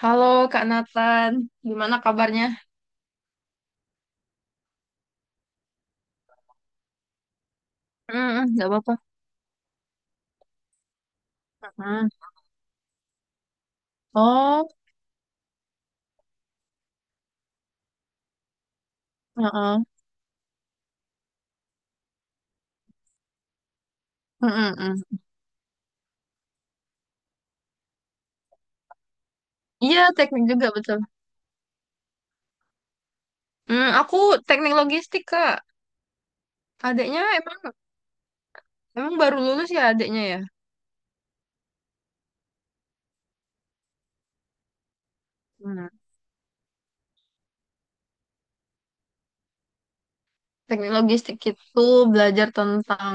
Halo Kak Nathan, gimana kabarnya? Nggak apa-apa. Mm. Oh, heeh. Mm, mm, mm. Iya, teknik juga betul. Aku teknik logistik, Kak. Adiknya emang emang baru lulus ya, adiknya ya? Hmm, Teknik logistik itu belajar tentang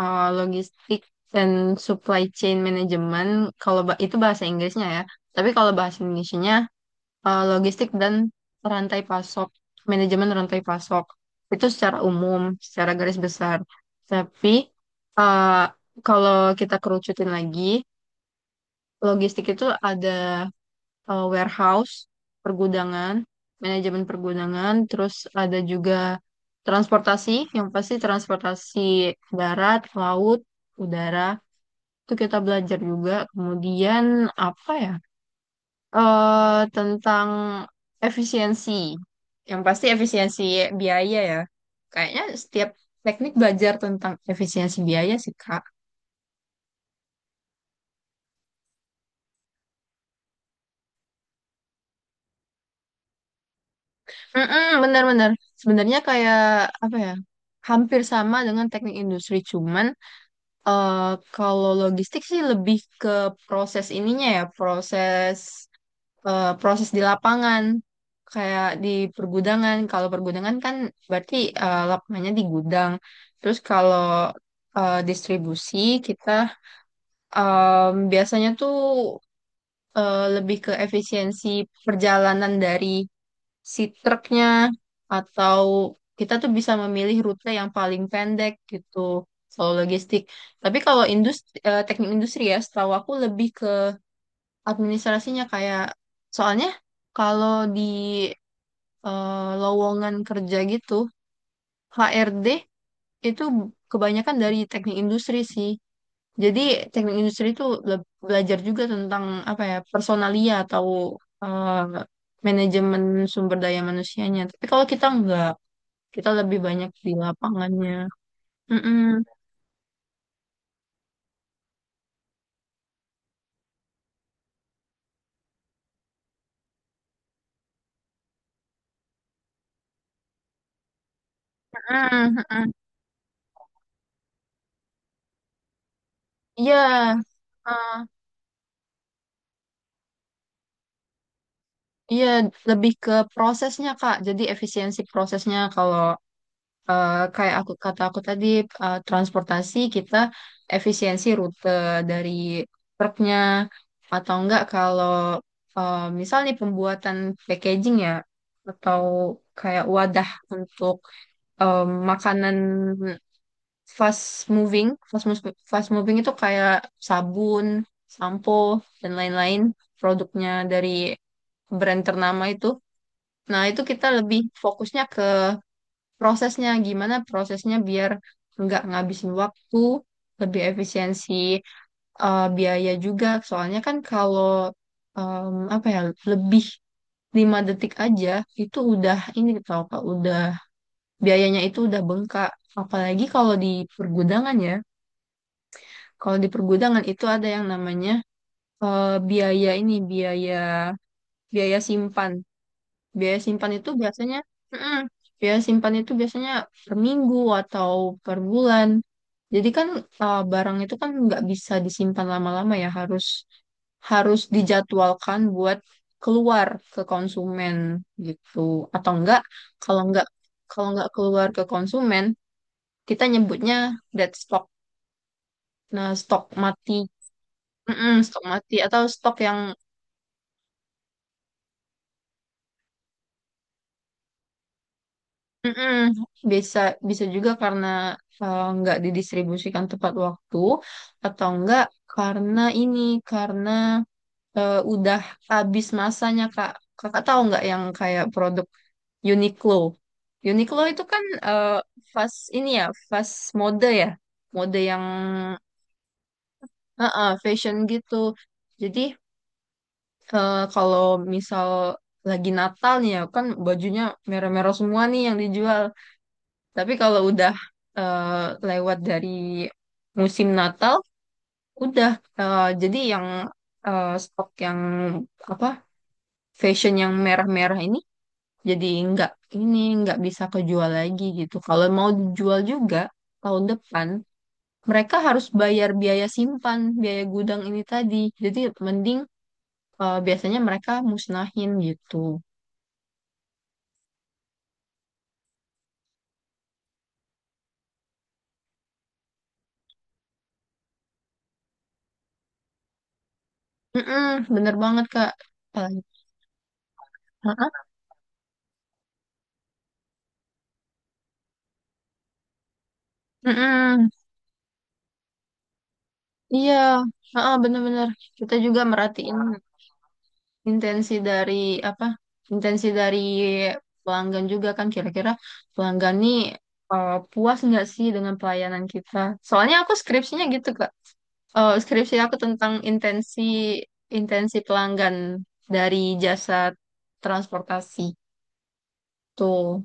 logistik dan supply chain management. Kalau itu bahasa Inggrisnya, ya. Tapi kalau bahasa Indonesianya logistik dan rantai pasok, manajemen rantai pasok. Itu secara umum, secara garis besar. Tapi, eh, kalau kita kerucutin lagi, logistik itu ada warehouse, pergudangan, manajemen pergudangan, terus ada juga transportasi, yang pasti transportasi darat, laut, udara. Itu kita belajar juga. Kemudian apa ya? Tentang efisiensi. Yang pasti efisiensi biaya, ya. Kayaknya setiap teknik belajar tentang efisiensi biaya sih, Kak. Mm-mm, benar-benar. Sebenarnya kayak apa ya? Hampir sama dengan teknik industri, cuman eh, kalau logistik sih lebih ke proses ininya ya, proses di lapangan kayak di pergudangan. Kalau pergudangan kan berarti lapangannya di gudang. Terus kalau distribusi kita biasanya tuh lebih ke efisiensi perjalanan dari si truknya, atau kita tuh bisa memilih rute yang paling pendek gitu. Kalau logistik. Tapi kalau industri, teknik industri ya, setahu aku lebih ke administrasinya, kayak soalnya kalau di eh, lowongan kerja gitu, HRD itu kebanyakan dari teknik industri sih. Jadi teknik industri itu belajar juga tentang apa ya, personalia atau eh, manajemen sumber daya manusianya. Tapi kalau kita enggak, kita lebih banyak di lapangannya. Mm-mm, mm-mm, mm-mm. Iya. eh, Iya, lebih ke prosesnya, Kak. Jadi efisiensi prosesnya kalau kayak aku kata aku tadi transportasi kita efisiensi rute dari truknya, atau enggak kalau misal nih pembuatan packaging ya, atau kayak wadah untuk eh, makanan fast moving itu kayak sabun, sampo dan lain-lain, produknya dari brand ternama itu. Nah, itu kita lebih fokusnya ke prosesnya, gimana prosesnya biar nggak ngabisin waktu, lebih efisiensi biaya juga, soalnya kan kalau apa ya, lebih 5 detik aja itu udah ini tau Kak, udah biayanya itu udah bengkak. Apalagi kalau di pergudangan ya, kalau di pergudangan itu ada yang namanya biaya ini, biaya biaya simpan. Biaya simpan itu biasanya, mm, biaya simpan itu biasanya per minggu atau per bulan. Jadi kan barang itu kan nggak bisa disimpan lama-lama ya, harus harus dijadwalkan buat keluar ke konsumen gitu. Atau enggak, kalau enggak kalau enggak keluar ke konsumen, kita nyebutnya dead stock. Nah, stok mati. Mm-mm, stok mati atau stok yang. Mm-mm. Bisa bisa juga karena nggak didistribusikan tepat waktu, atau enggak karena ini, karena udah habis masanya, Kak. Kakak tahu nggak yang kayak produk Uniqlo? Uniqlo itu kan fast ini ya, fast mode ya. Mode yang fashion gitu. Jadi kalau misal lagi Natal nih ya kan, bajunya merah-merah semua nih yang dijual. Tapi kalau udah eh, lewat dari musim Natal, udah jadi yang stok yang apa, fashion yang merah-merah ini jadi nggak, nggak bisa kejual lagi gitu. Kalau mau dijual juga tahun depan, mereka harus bayar biaya simpan, biaya gudang ini tadi. Jadi mending biasanya mereka musnahin gitu. Mm-mm, bener banget, Kak. Apalagi- Mm-mm. Iya, heeh, bener-bener. Kita juga merhatiin intensi dari apa? Intensi dari pelanggan juga, kan kira-kira pelanggan nih puas nggak sih dengan pelayanan kita? Soalnya aku skripsinya gitu, Kak. Skripsi aku tentang intensi intensi pelanggan dari jasa transportasi tuh.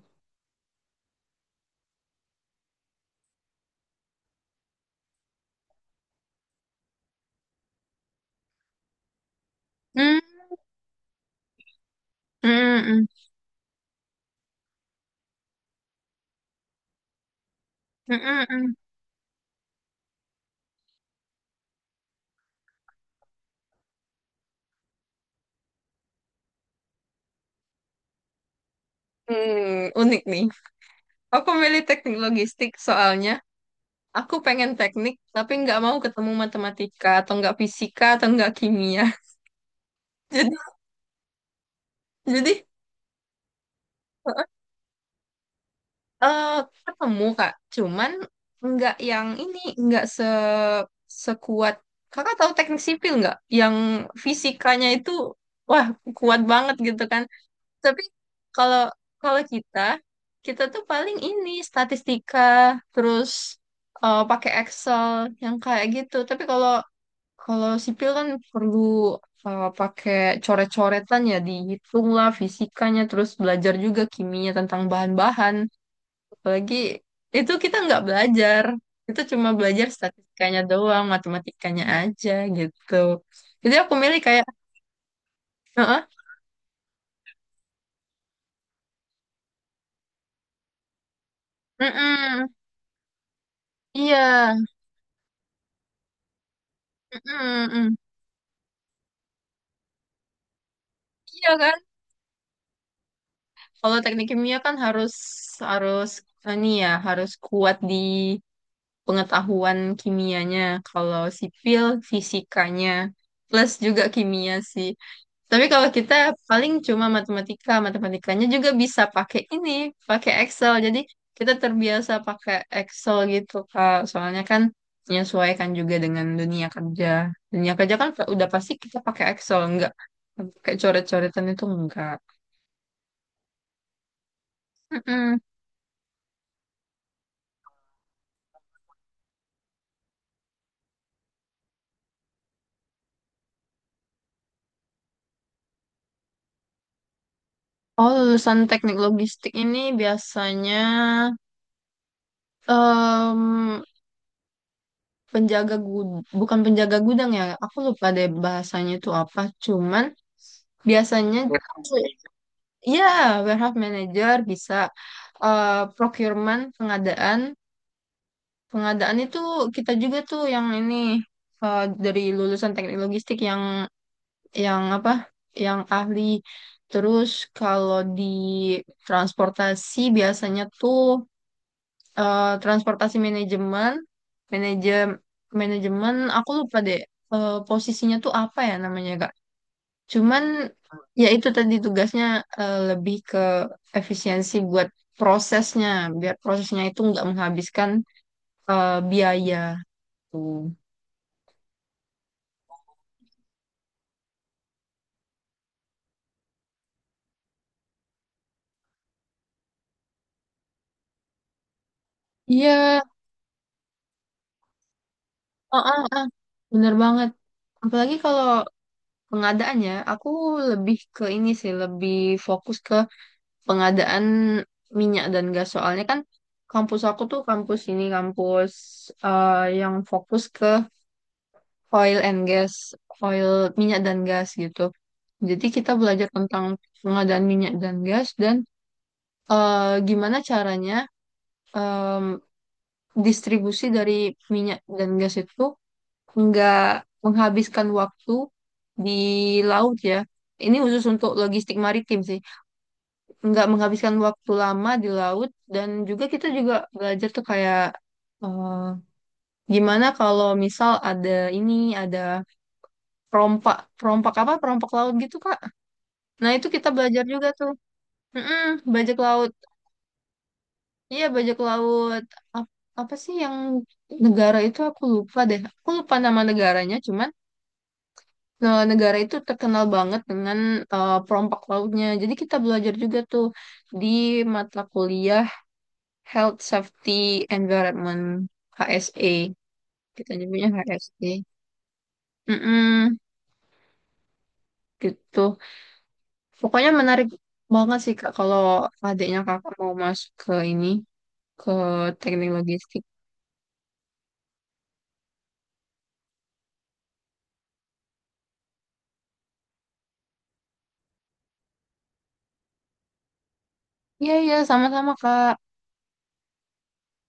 Hmm, mm, mm, mm, mm, mm. Unik nih. Aku milih teknik logistik soalnya aku pengen teknik, tapi nggak mau ketemu matematika, atau nggak fisika, atau nggak kimia. Jadi, jadi, eh eh, ketemu, Kak. Cuman nggak yang ini, nggak sekuat. Kakak tahu teknik sipil nggak? Yang fisikanya itu, wah, kuat banget gitu kan. Tapi kalau kalau kita tuh paling ini, statistika, terus pakai Excel, yang kayak gitu. Tapi kalau Kalau sipil kan perlu pakai coret-coretan ya, dihitung lah fisikanya, terus belajar juga kimia tentang bahan-bahan. Apalagi itu kita nggak belajar, itu cuma belajar statistikanya doang, matematikanya aja gitu. Jadi aku milih kayak, "Heeh, mm-mm, iya, mm-mm, mm-mm." Iya, kan? Kalau teknik kimia kan harus harus ini ya, harus kuat di pengetahuan kimianya, kalau sipil fisikanya, plus juga kimia sih. Tapi kalau kita paling cuma matematika, matematikanya juga bisa pakai ini, pakai Excel. Jadi kita terbiasa pakai Excel gitu, Kak. Soalnya kan menyesuaikan juga dengan dunia kerja. Dunia kerja kan udah pasti kita pakai Excel, enggak pakai coret-coretan itu enggak. Mm-mm. Oh, lulusan teknik logistik ini biasanya penjaga gudang, bukan penjaga gudang ya, aku lupa deh bahasanya itu apa, cuman biasanya ya warehouse manager, bisa procurement, pengadaan. Pengadaan itu kita juga tuh yang ini, dari lulusan teknik logistik yang apa, yang ahli. Terus kalau di transportasi biasanya tuh transportasi manajemen, manajem manajemen, aku lupa deh posisinya tuh apa ya namanya, Kak. Cuman ya itu tadi tugasnya lebih ke efisiensi buat prosesnya, biar prosesnya itu nggak menghabiskan biaya. Tuh. Iya, ah, ah, ah, bener banget. Apalagi kalau pengadaan ya, aku lebih ke ini sih, lebih fokus ke pengadaan minyak dan gas. Soalnya kan kampus aku tuh kampus ini kampus eh, yang fokus ke oil and gas, oil minyak dan gas gitu. Jadi kita belajar tentang pengadaan minyak dan gas, dan gimana caranya em, distribusi dari minyak dan gas itu nggak menghabiskan waktu di laut ya. Ini khusus untuk logistik maritim sih. Nggak menghabiskan waktu lama di laut, dan juga kita juga belajar tuh kayak eh, gimana kalau misal ada ini, ada perompak, perompak apa, perompak laut gitu, Kak. Nah, itu kita belajar juga tuh. Mm-mm, bajak laut. Iya, bajak laut. Ap- Apa sih yang, negara itu aku lupa deh. Aku lupa nama negaranya, cuman negara itu terkenal banget dengan perompak lautnya. Jadi kita belajar juga tuh di mata kuliah Health Safety Environment, HSE. Kita nyebutnya HSE. Mm-mm, gitu. Pokoknya menarik banget sih, Kak, kalau adiknya Kakak mau masuk ke teknik logistik. Iya, iya, sama-sama, Kak.